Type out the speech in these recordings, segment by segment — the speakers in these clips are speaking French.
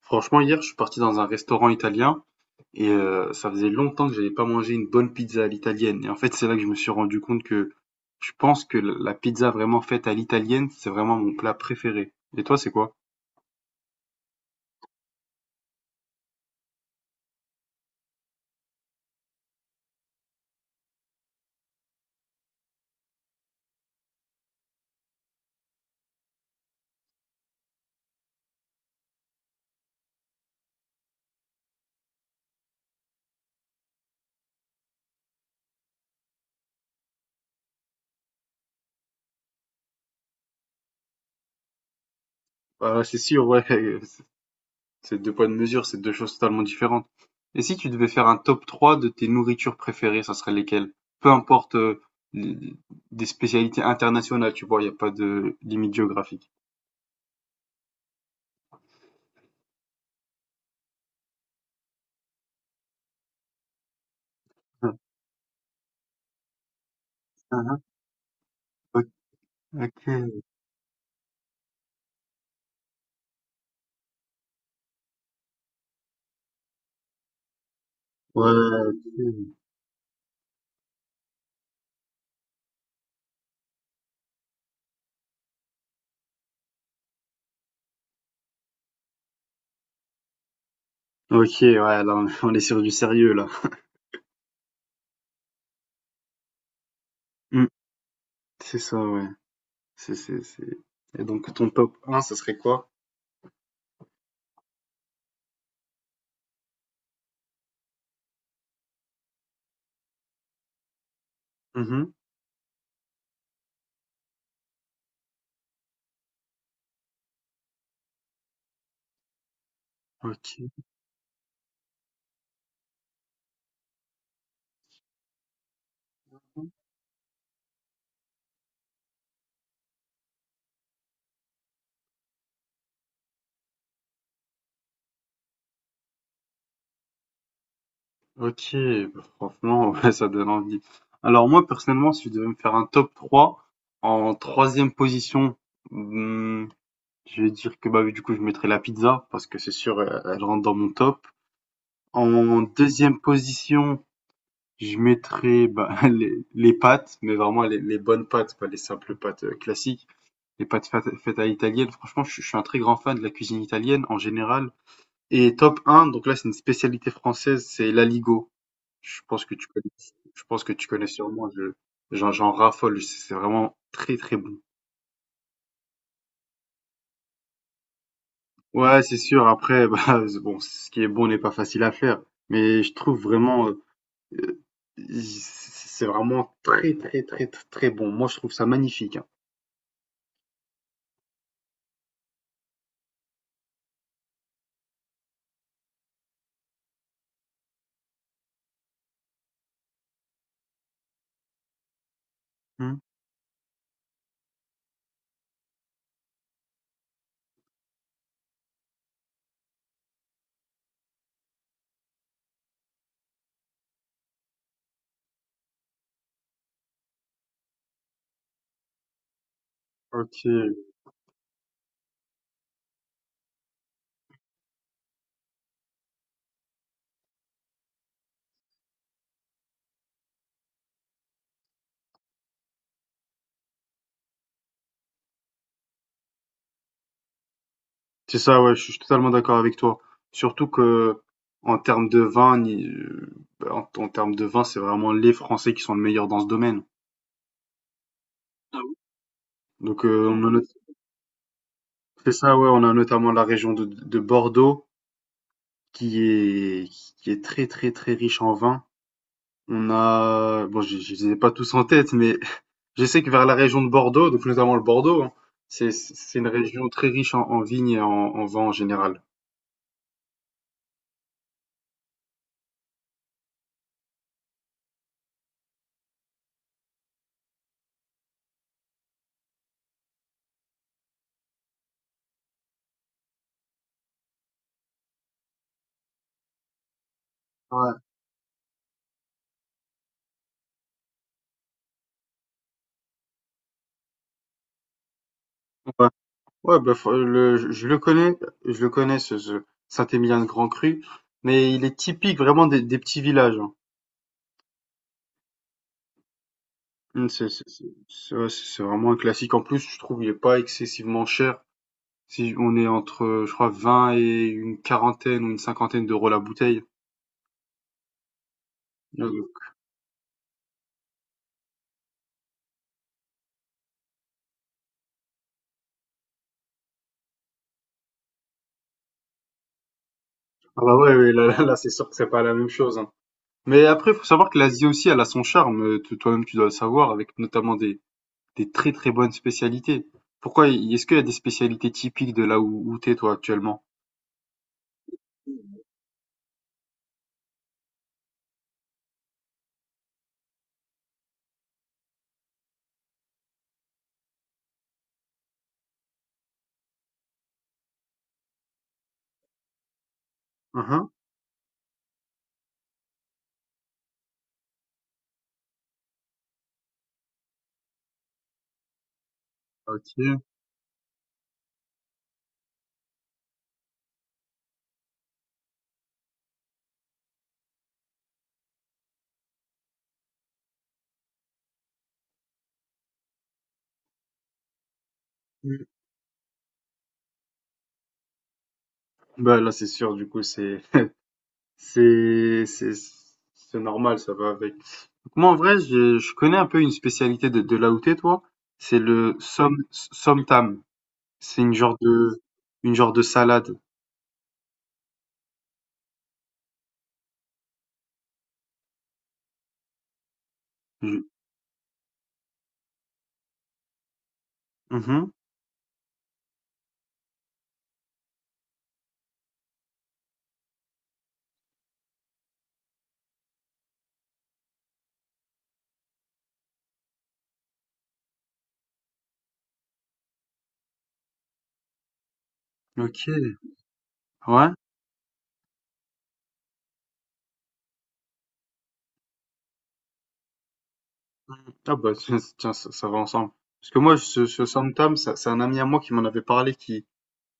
Franchement, hier, je suis parti dans un restaurant italien et ça faisait longtemps que j'avais pas mangé une bonne pizza à l'italienne. Et en fait, c'est là que je me suis rendu compte que je pense que la pizza vraiment faite à l'italienne, c'est vraiment mon plat préféré. Et toi, c'est quoi? Ah, c'est sûr, ouais, c'est deux poids de mesure, c'est deux choses totalement différentes. Et si tu devais faire un top 3 de tes nourritures préférées, ça serait lesquelles? Peu importe les- des spécialités internationales, tu vois, il n'y a pas de limite géographique. Ok. Ouais, ok. OK, ouais, là, on on est sur du sérieux, là. Mmh. C'est ça, ouais. C'est et donc ton top un, ce serait quoi? Mmh. OK. OK, bah, franchement, ouais, ça donne envie. Alors moi, personnellement, si je devais me faire un top trois, en troisième position, mmh, je vais dire que, bah, oui, du coup, je mettrais la pizza parce que c'est sûr, elle rentre dans mon top. En deuxième position, je mettrais, bah, les pâtes, mais vraiment les bonnes pâtes, pas les simples pâtes, classiques. Les pâtes feta italiennes. Franchement, je suis un très grand fan de la cuisine italienne en général. Et top un, donc là, c'est une spécialité française, c'est l'aligot. Je pense que tu connais, je pense que tu connais sûrement. J'en raffole. C'est vraiment très, très bon. Ouais, c'est sûr. Après, bah, c'est bon, ce qui est bon n'est pas facile à faire. Mais je trouve vraiment, euh, c'est vraiment très, très, très, très, très bon. Moi, je trouve ça magnifique, hein. Hmm. Ok. C'est ça, ouais, je suis totalement d'accord avec toi. Surtout que en termes de vin, ni- en, en termes de vin, c'est vraiment les Français qui sont le meilleur dans ce domaine. Donc on a c'est ça, ouais, on a notamment la région de, Bordeaux, qui est qui est très très très riche en vin. On a bon, je les ai pas tous en tête, mais je sais que vers la région de Bordeaux, donc notamment le Bordeaux, hein, c'est une région très riche en vignes et en vin en général. Ouais. Ouais, bah, je le connais, je le connais ce Saint-Émilion-de-Grand-Cru, mais il est typique vraiment des petits villages, hein. Ouais, c'est vraiment un classique. En plus, je trouve il est pas excessivement cher. Si on est entre, je crois, 20 et une quarantaine ou une cinquantaine d'euros la bouteille. Euh, Ah bah ouais, ouais, là, là, là, c'est sûr que c'est pas la même chose, hein. Mais après, faut savoir que l'Asie aussi, elle a son charme. Toi-même, tu dois le savoir, avec notamment des, très très bonnes spécialités. Pourquoi, est-ce qu'il y a des spécialités typiques de là où t'es toi actuellement? Hein, hein. OK. Mmh. Bah, là, c'est sûr, du coup, c'est, c'est, c'est normal, ça va avec. Moi, en vrai, je connais un peu une spécialité de là où t'es, toi. C'est le somtam. C'est une genre de salade. Je- Mhm. OK. Ouais. Ah, bah, tiens, tiens, ça va ensemble. Parce que moi, ce som tam, c'est un ami à moi qui m'en avait parlé, qui,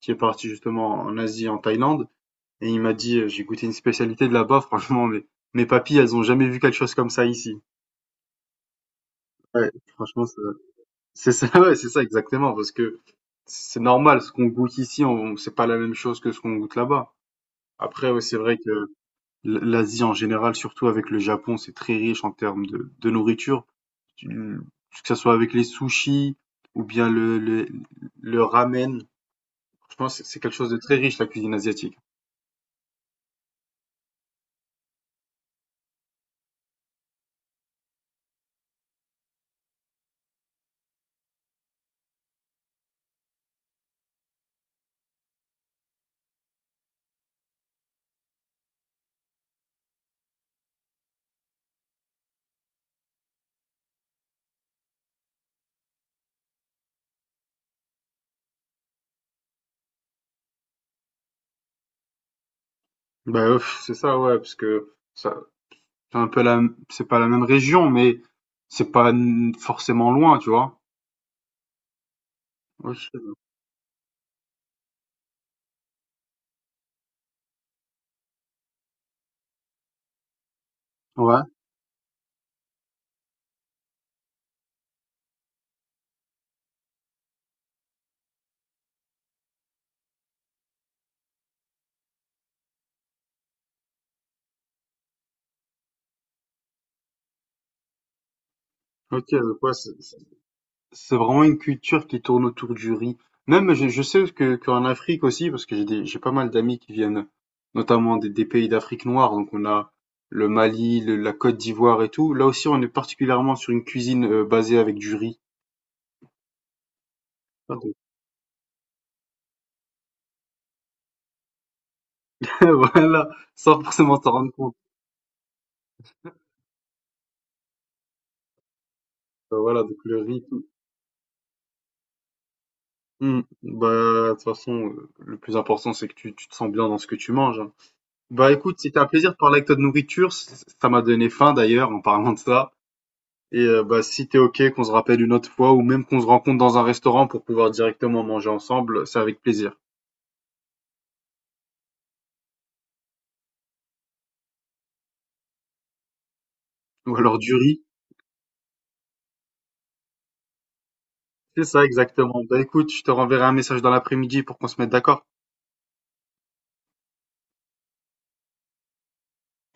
qui est parti justement en Asie, en Thaïlande. Et il m'a dit, j'ai goûté une spécialité de là-bas, franchement, mais mes papilles, elles ont jamais vu quelque chose comme ça ici. Ouais, franchement, c'est ça, ouais, c'est ça exactement, parce que c'est normal, ce qu'on goûte ici, on, c'est pas la même chose que ce qu'on goûte là-bas. Après, ouais, c'est vrai que l'Asie en général, surtout avec le Japon, c'est très riche en termes de nourriture. Tu- que ce soit avec les sushis ou bien le ramen. Franchement, c'est quelque chose de très riche, la cuisine asiatique. Bah, pff, c'est ça, ouais, parce que ça, C'est un peu la c'est pas la même région, mais c'est pas n forcément loin, tu vois? OK. Ouais. OK, donc ouais, c'est vraiment une culture qui tourne autour du riz. Même je sais que qu'en Afrique aussi, parce que j'ai pas mal d'amis qui viennent notamment des pays d'Afrique noire, donc on a le Mali, le la Côte d'Ivoire et tout. Là aussi, on est particulièrement sur une cuisine, basée avec du riz. Voilà, sans forcément s'en rendre compte. Voilà, donc le riz. Mmh. Bah, de toute façon, le plus important, c'est que tu te sens bien dans ce que tu manges, hein. Bah, écoute, c'était un plaisir de parler avec toi de nourriture. C ça m'a donné faim d'ailleurs en parlant de ça et bah, si t'es OK qu'on se rappelle une autre fois ou même qu'on se rencontre dans un restaurant pour pouvoir directement manger ensemble, c'est avec plaisir. Ou alors du riz. C'est ça exactement. Bah, écoute, je te renverrai un message dans l'après-midi pour qu'on se mette d'accord.